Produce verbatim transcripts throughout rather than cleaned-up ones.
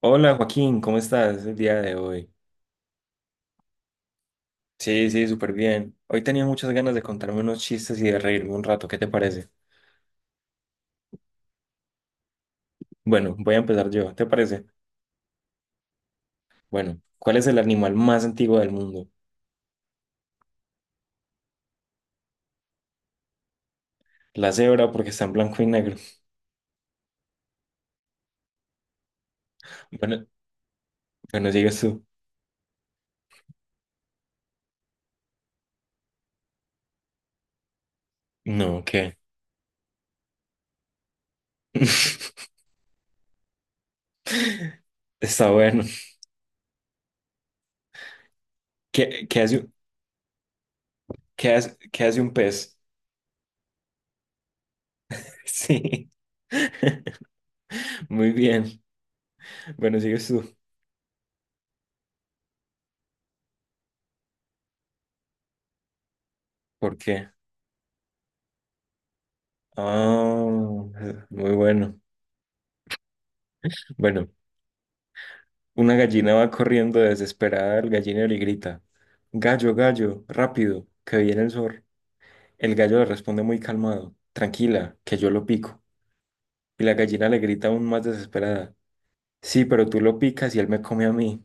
Hola Joaquín, ¿cómo estás el día de hoy? Sí, sí, súper bien. Hoy tenía muchas ganas de contarme unos chistes y de reírme un rato, ¿qué te parece? Bueno, voy a empezar yo, ¿te parece? Bueno, ¿cuál es el animal más antiguo del mundo? La cebra porque está en blanco y negro. Bueno, bueno, sigues tú. No, ¿qué? Está bueno. ¿Qué, qué hace, un- qué hace, qué hace un pez? Sí. Muy bien. Bueno, sigues tú. ¿Por qué? Ah, muy bueno. Bueno, una gallina va corriendo desesperada al gallinero y grita, «Gallo, gallo, rápido, que viene el zorro». El gallo le responde muy calmado, «Tranquila, que yo lo pico». Y la gallina le grita aún más desesperada, «Sí, pero tú lo picas y él me come a mí».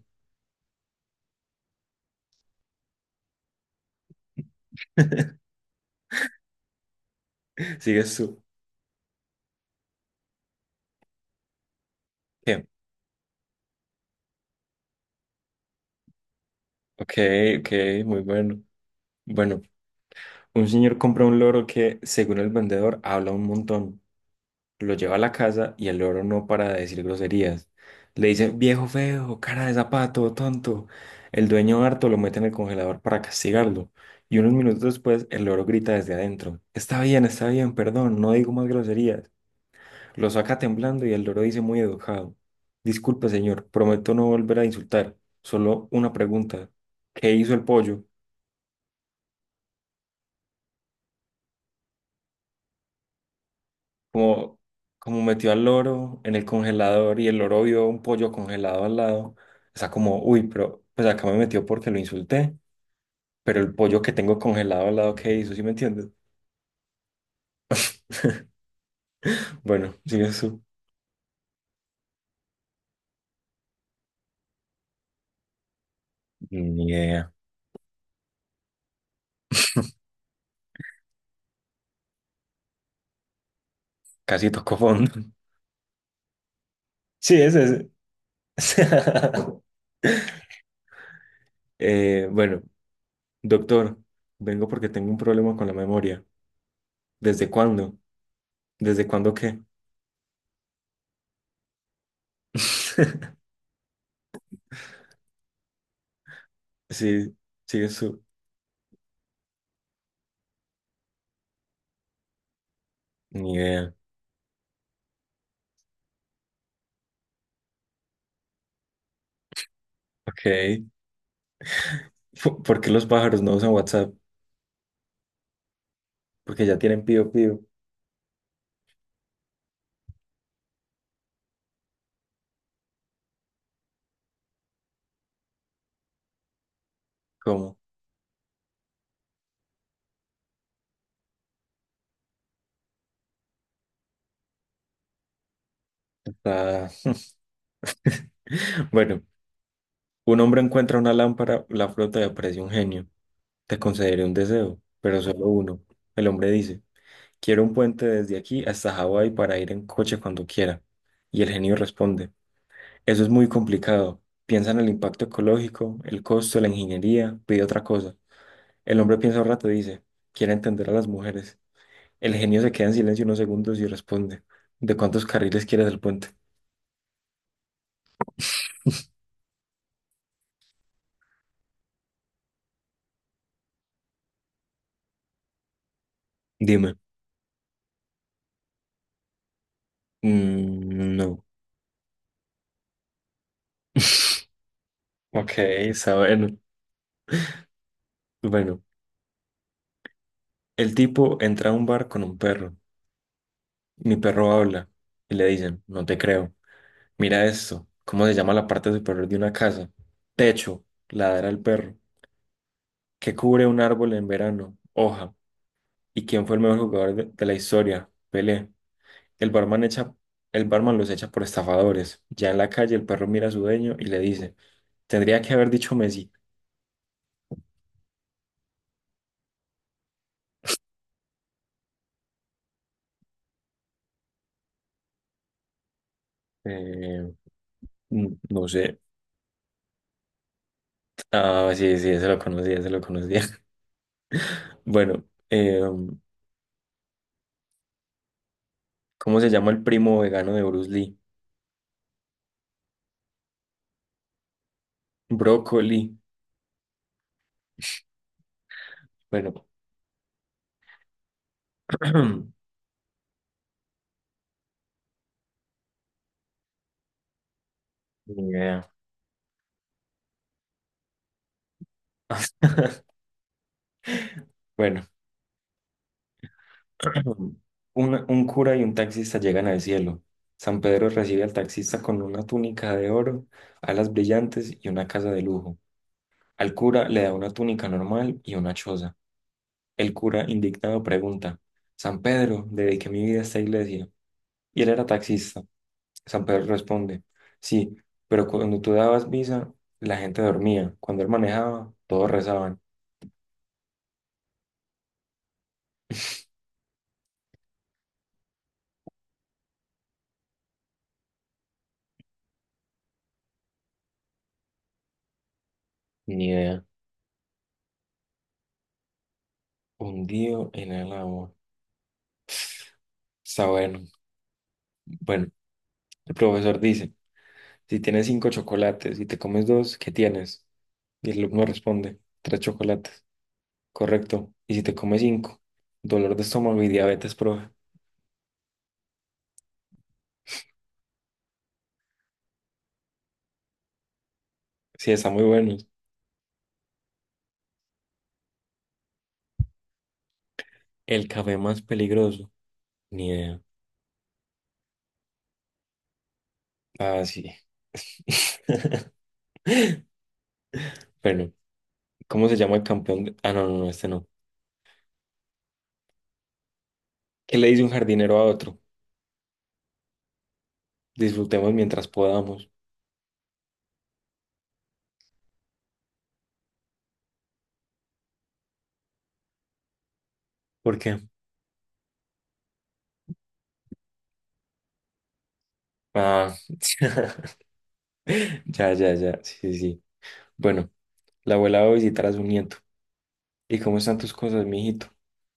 Sigues tú. Bien. Ok, ok, muy bueno. Bueno, un señor compra un loro que, según el vendedor, habla un montón. Lo lleva a la casa y el loro no para de decir groserías. Le dice, «viejo feo, cara de zapato, tonto». El dueño harto lo mete en el congelador para castigarlo. Y unos minutos después, el loro grita desde adentro, «Está bien, está bien, perdón, no digo más groserías». Lo saca temblando y el loro dice muy educado, «Disculpe, señor, prometo no volver a insultar. Solo una pregunta. ¿Qué hizo el pollo?». Como, como metió al loro en el congelador y el loro vio un pollo congelado al lado, está como, «uy, pero pues acá me metió porque lo insulté, pero el pollo que tengo congelado al lado, ¿qué hizo?». ¿Sí me entiendes? Bueno, sigue su. Ni idea, casi tocó fondo. Sí, ese es. Eh, bueno, «doctor, vengo porque tengo un problema con la memoria». «¿Desde cuándo?». «¿Desde cuándo qué?». Sí, sigue su. Ni idea. Ok. Fu- ¿Por qué los pájaros no usan WhatsApp? Porque ya tienen pío pío. ¿Cómo? Está- Bueno, un hombre encuentra una lámpara, la flota y aparece un genio. «Te concederé un deseo, pero solo uno». El hombre dice, «quiero un puente desde aquí hasta Hawái para ir en coche cuando quiera». Y el genio responde, «eso es muy complicado. Piensa en el impacto ecológico, el costo, la ingeniería, pide otra cosa». El hombre piensa un rato y dice, «quiero entender a las mujeres». El genio se queda en silencio unos segundos y responde, «¿De cuántos carriles quieres el puente?». Dime. Mm, no. Ok, está bueno. Bueno, el tipo entra a un bar con un perro. «Mi perro habla», y le dicen, «no te creo». «Mira esto. ¿Cómo se llama la parte superior de una casa?». «Techo», ladra el perro. «¿Qué cubre un árbol en verano?». «Hoja». «¿Y quién fue el mejor jugador de, de la historia?». «Pelé». El barman echa, el barman los echa por estafadores. Ya en la calle el perro mira a su dueño y le dice, «tendría que haber dicho Messi». Eh, n- no sé. Ah, sí, sí, se lo conocía, se lo conocía. Bueno, eh, ¿cómo se llama el primo vegano de Bruce Lee? Brócoli. Bueno, ni idea. Bueno, un, un cura y un taxista llegan al cielo. San Pedro recibe al taxista con una túnica de oro, alas brillantes y una casa de lujo. Al cura le da una túnica normal y una choza. El cura, indignado, pregunta, «San Pedro, dediqué mi vida a esta iglesia. Y él era taxista». San Pedro responde, «sí, pero cuando tú dabas misa, la gente dormía. Cuando él manejaba, todos rezaban». Ni idea. Hundido en el agua. Está bueno. Bueno, el profesor dice, «si tienes cinco chocolates y te comes dos, ¿qué tienes?». Y el alumno responde, «tres chocolates». «Correcto. Y si te comes cinco», «dolor de estómago y diabetes, profe». Sí, está muy bueno. El café más peligroso. Ni idea. Ah, sí. Bueno, ¿cómo se llama el campeón? De- Ah, no, no, no, este no. ¿Qué le dice un jardinero a otro? Disfrutemos mientras podamos. ¿Por qué? Ah, ya, ya, ya. Sí, sí, sí. Bueno, la abuela va a visitar a su nieto. «¿Y cómo están tus cosas, mijito?».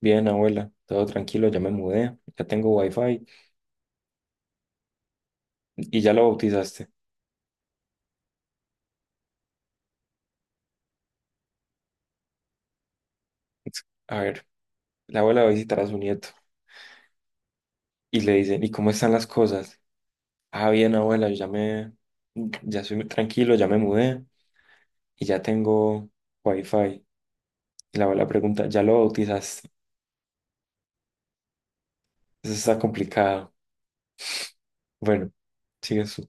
«Bien, abuela. Todo tranquilo, ya me mudé. Ya tengo wifi». «Y ya lo bautizaste». A ver. La abuela va a visitar a su nieto y le dicen, «¿y cómo están las cosas?». «Ah, bien, abuela, yo ya me, ya soy tranquilo, ya me mudé y ya tengo wifi». Y la abuela pregunta, «¿ya lo bautizaste?». Eso está complicado. Bueno, sigue su.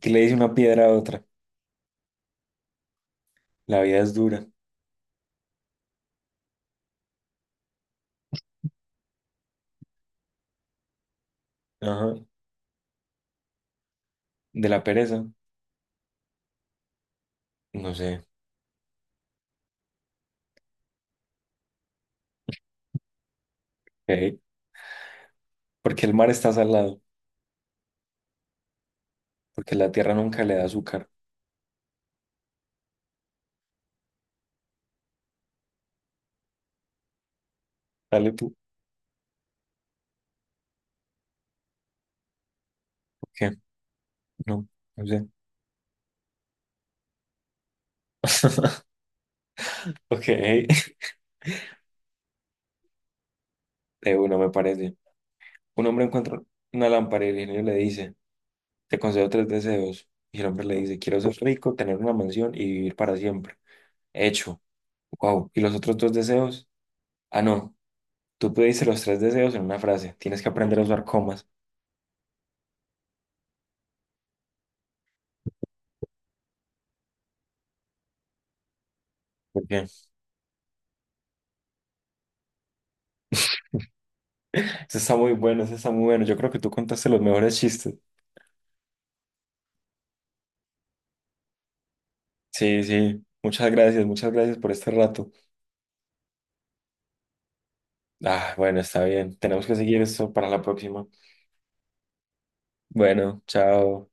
¿Qué le dice una piedra a otra? La vida es dura. Ajá. ¿De la pereza? No sé. ¿Por Porque el mar está salado, porque la tierra nunca le da azúcar. Dale tú. ¿Por qué? No, no sé. Ok, de uno me parece. Un hombre encuentra una lámpara y el genio le dice, «te concedo tres deseos». Y el hombre le dice, «quiero ser rico, tener una mansión y vivir para siempre». «Hecho». «Wow. ¿Y los otros dos deseos?». «Ah, no. Tú pediste los tres deseos en una frase. Tienes que aprender a usar comas». ¿Por qué? Eso está muy bueno, eso está muy bueno. Yo creo que tú contaste los mejores chistes. Sí, sí. Muchas gracias, muchas gracias por este rato. Ah, bueno, está bien. Tenemos que seguir esto para la próxima. Bueno, chao.